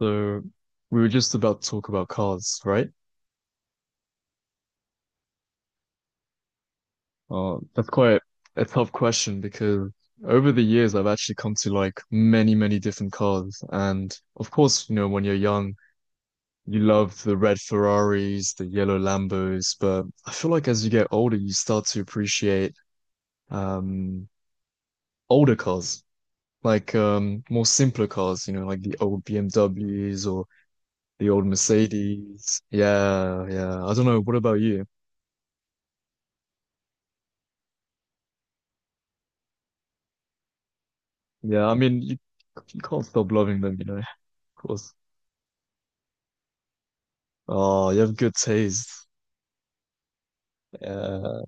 So we were just about to talk about cars, right? That's quite a tough question because over the years I've actually come to like many, many different cars. And of course, you know, when you're young, you love the red Ferraris, the yellow Lambos, but I feel like as you get older, you start to appreciate um older cars, like more simpler cars, you know, like the old BMWs or the old Mercedes. Yeah, yeah. I don't know. What about you? Yeah, I mean, you can't stop loving them, you know, of course. Oh, you have good taste. Uh,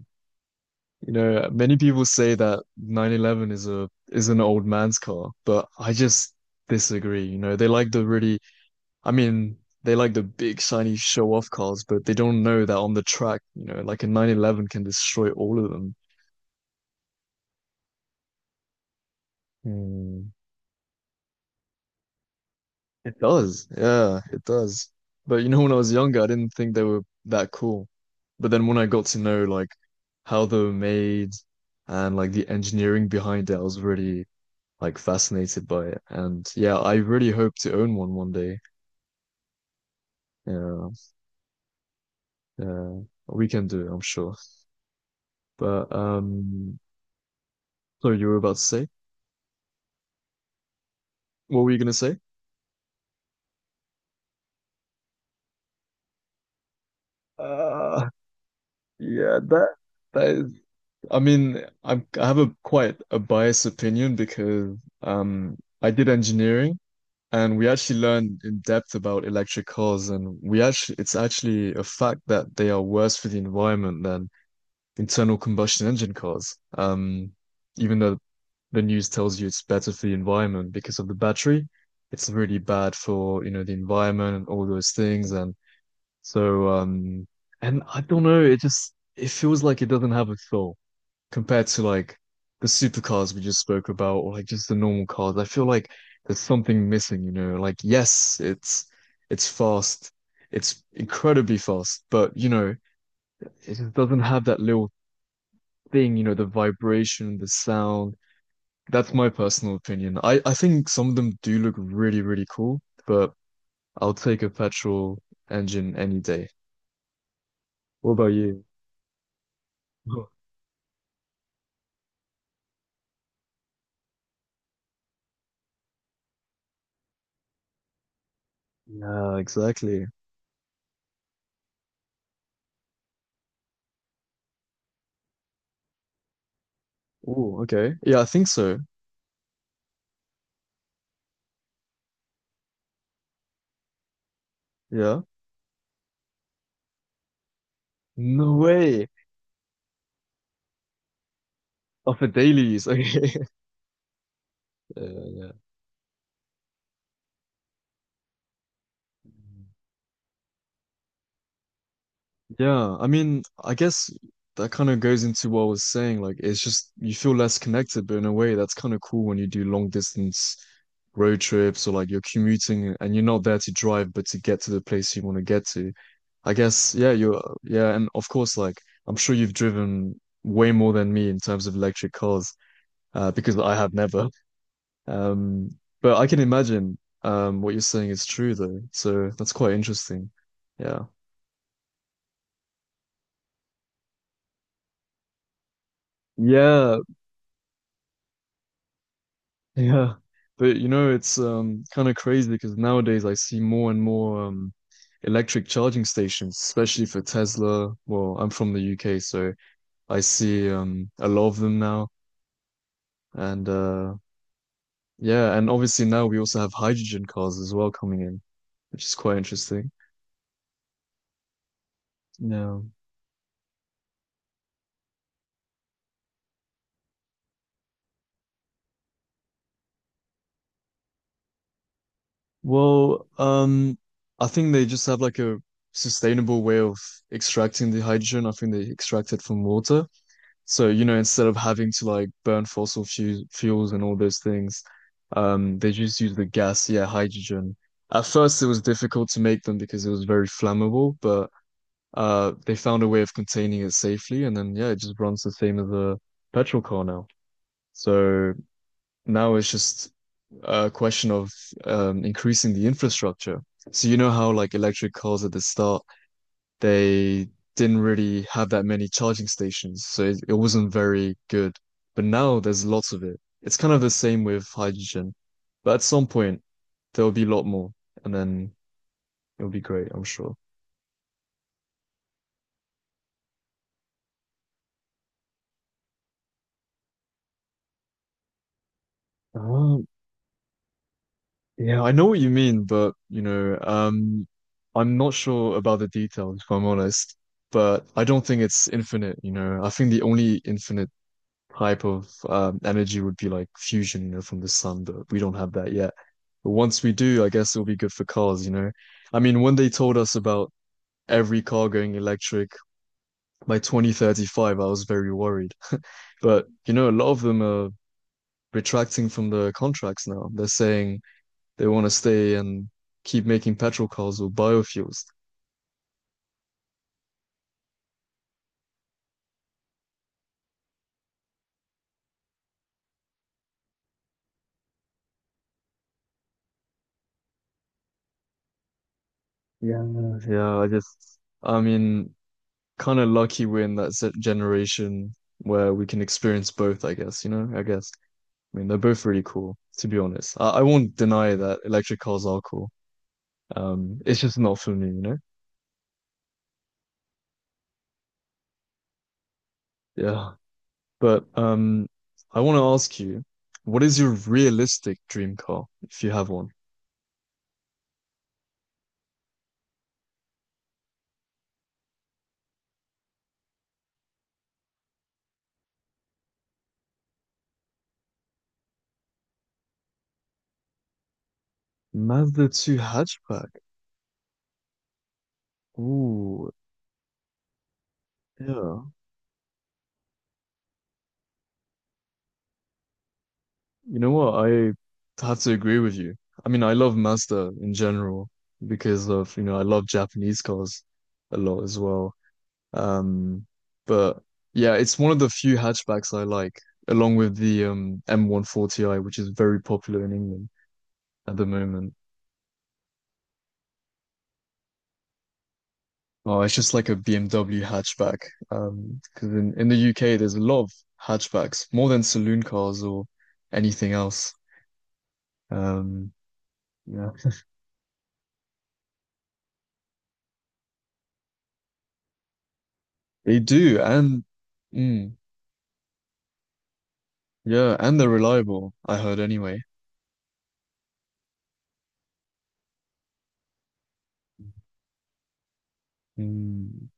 you know, many people say that 911 is a is an old man's car, but I just disagree. You know, they like the really, I mean, they like the big shiny show-off cars, but they don't know that on the track, you know, like a 911 can destroy all of them. Hmm. It does. Yeah, it does. But you know, when I was younger, I didn't think they were that cool. But then when I got to know like how they were made and like the engineering behind it, I was really like fascinated by it. And yeah, I really hope to own one one day. Yeah, yeah, we can do it, I'm sure. But so you were about to say? What were you gonna say? Uh, yeah, that is. I mean, I have a quite a biased opinion because I did engineering and we actually learned in depth about electric cars and we actually it's actually a fact that they are worse for the environment than internal combustion engine cars. Even though the news tells you it's better for the environment because of the battery, it's really bad for, you know, the environment and all those things. And so and I don't know, it feels like it doesn't have a soul compared to like the supercars we just spoke about or like just the normal cars. I feel like there's something missing, you know. Like yes, it's fast. It's incredibly fast, but you know, it just doesn't have that little thing, you know, the vibration, the sound. That's my personal opinion. I think some of them do look really, really cool, but I'll take a petrol engine any day. What about you? Yeah, exactly. Oh, okay. Yeah, I think so. Yeah. No way. Oh, for dailies. Okay. Uh, yeah. I mean, I guess that kind of goes into what I was saying. Like, it's just you feel less connected, but in a way, that's kind of cool when you do long distance road trips or like you're commuting and you're not there to drive, but to get to the place you want to get to. I guess, yeah, you're, yeah. And of course, like, I'm sure you've driven way more than me in terms of electric cars, because I have never. Um, but I can imagine what you're saying is true though. So that's quite interesting. Yeah. Yeah. Yeah. But you know, it's kind of crazy because nowadays I see more and more electric charging stations, especially for Tesla. Well, I'm from the UK, so I see a lot of them now. And yeah, and obviously now we also have hydrogen cars as well coming in, which is quite interesting. Yeah. Well, I think they just have like a sustainable way of extracting the hydrogen. I think they extract it from water. So, you know, instead of having to like burn fossil fu fuels and all those things, they just use the gas, yeah, hydrogen. At first, it was difficult to make them because it was very flammable, but they found a way of containing it safely, and then yeah, it just runs the same as a petrol car now. So now it's just a question of increasing the infrastructure. So you know how like electric cars at the start, they didn't really have that many charging stations, so it wasn't very good. But now there's lots of it. It's kind of the same with hydrogen, but at some point there'll be a lot more, and then it'll be great, I'm sure. Ah, yeah, I know what you mean, but you know, I'm not sure about the details, if I'm honest. But I don't think it's infinite, you know. I think the only infinite type of energy would be like fusion, you know, from the sun, but we don't have that yet. But once we do, I guess it'll be good for cars, you know. I mean, when they told us about every car going electric by 2035, I was very worried. But you know, a lot of them are retracting from the contracts now. They're saying they want to stay and keep making petrol cars or biofuels. Yeah, yeah. I just, I mean, kind of lucky we're in that generation where we can experience both, I guess, you know, I guess. I mean, they're both really cool, to be honest. I won't deny that electric cars are cool. It's just not for me, you know? Yeah. But I want to ask you, what is your realistic dream car if you have one? Mazda 2 hatchback. Ooh, yeah. You know what? I have to agree with you. I mean, I love Mazda in general because of, you know, I love Japanese cars a lot as well. Um, but yeah, it's one of the few hatchbacks I like, along with the M140i, which is very popular in England at the moment. Oh, it's just like a BMW hatchback. Because in the UK there's a lot of hatchbacks, more than saloon cars or anything else. Um, yeah, they do, and. Mm, yeah, and they're reliable, I heard anyway. Mm.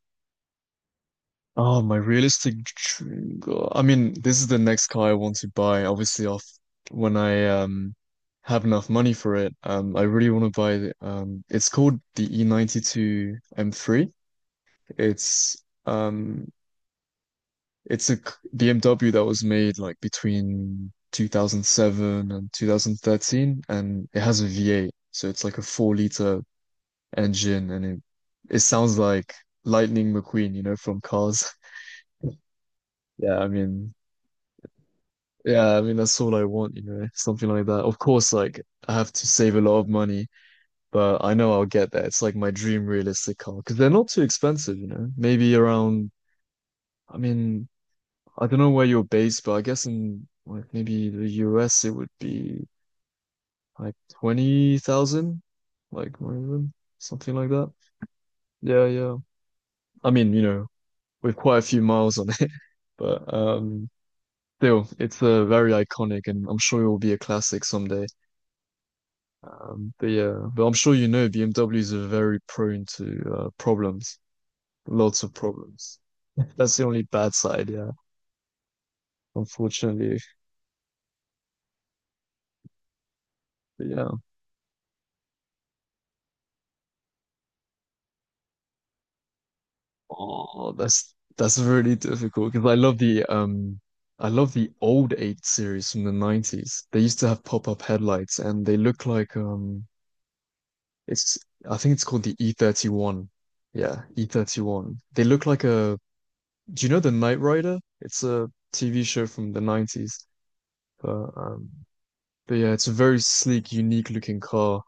Oh, my realistic dream car. I mean, this is the next car I want to buy. Obviously, off when I have enough money for it. I really want to buy it's called the E92 M3. It's um it's a BMW that was made like between 2007 and 2013 and it has a V8. So it's like a 4-liter engine and it sounds like Lightning McQueen, you know, from Cars. Yeah, I mean, yeah, I mean that's all I want, you know, something like that. Of course, like I have to save a lot of money, but I know I'll get there. It's like my dream realistic car because they're not too expensive, you know. Maybe around, I mean, I don't know where you're based, but I guess in like maybe the US it would be like 20,000, like one of them, something like that. Yeah, yeah. I mean, you know, with quite a few miles on it. But still, it's very iconic, and I'm sure it will be a classic someday. But yeah, but I'm sure you know BMWs are very prone to problems, lots of problems. That's the only bad side, yeah, unfortunately. But yeah, oh, that's really difficult because I love the old 8 series from the 90s. They used to have pop-up headlights and they look like It's I think it's called the E31. Yeah, E31. They look like a do you know the Knight Rider? It's a TV show from the 90s. But um but yeah, it's a very sleek, unique looking car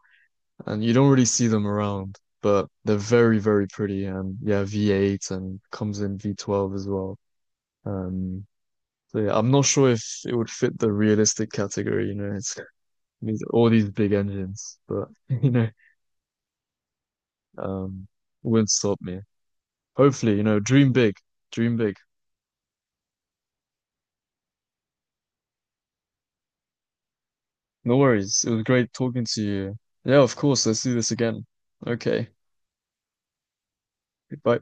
and you don't really see them around, but they're very, very pretty and yeah, V8 and comes in V12 as well. Um so yeah, I'm not sure if it would fit the realistic category, you know, it's these all these big engines, but you know, um wouldn't stop me. Hopefully, you know, dream big, dream big. No worries. It was great talking to you. Yeah, of course. Let's do this again. Okay. Bye.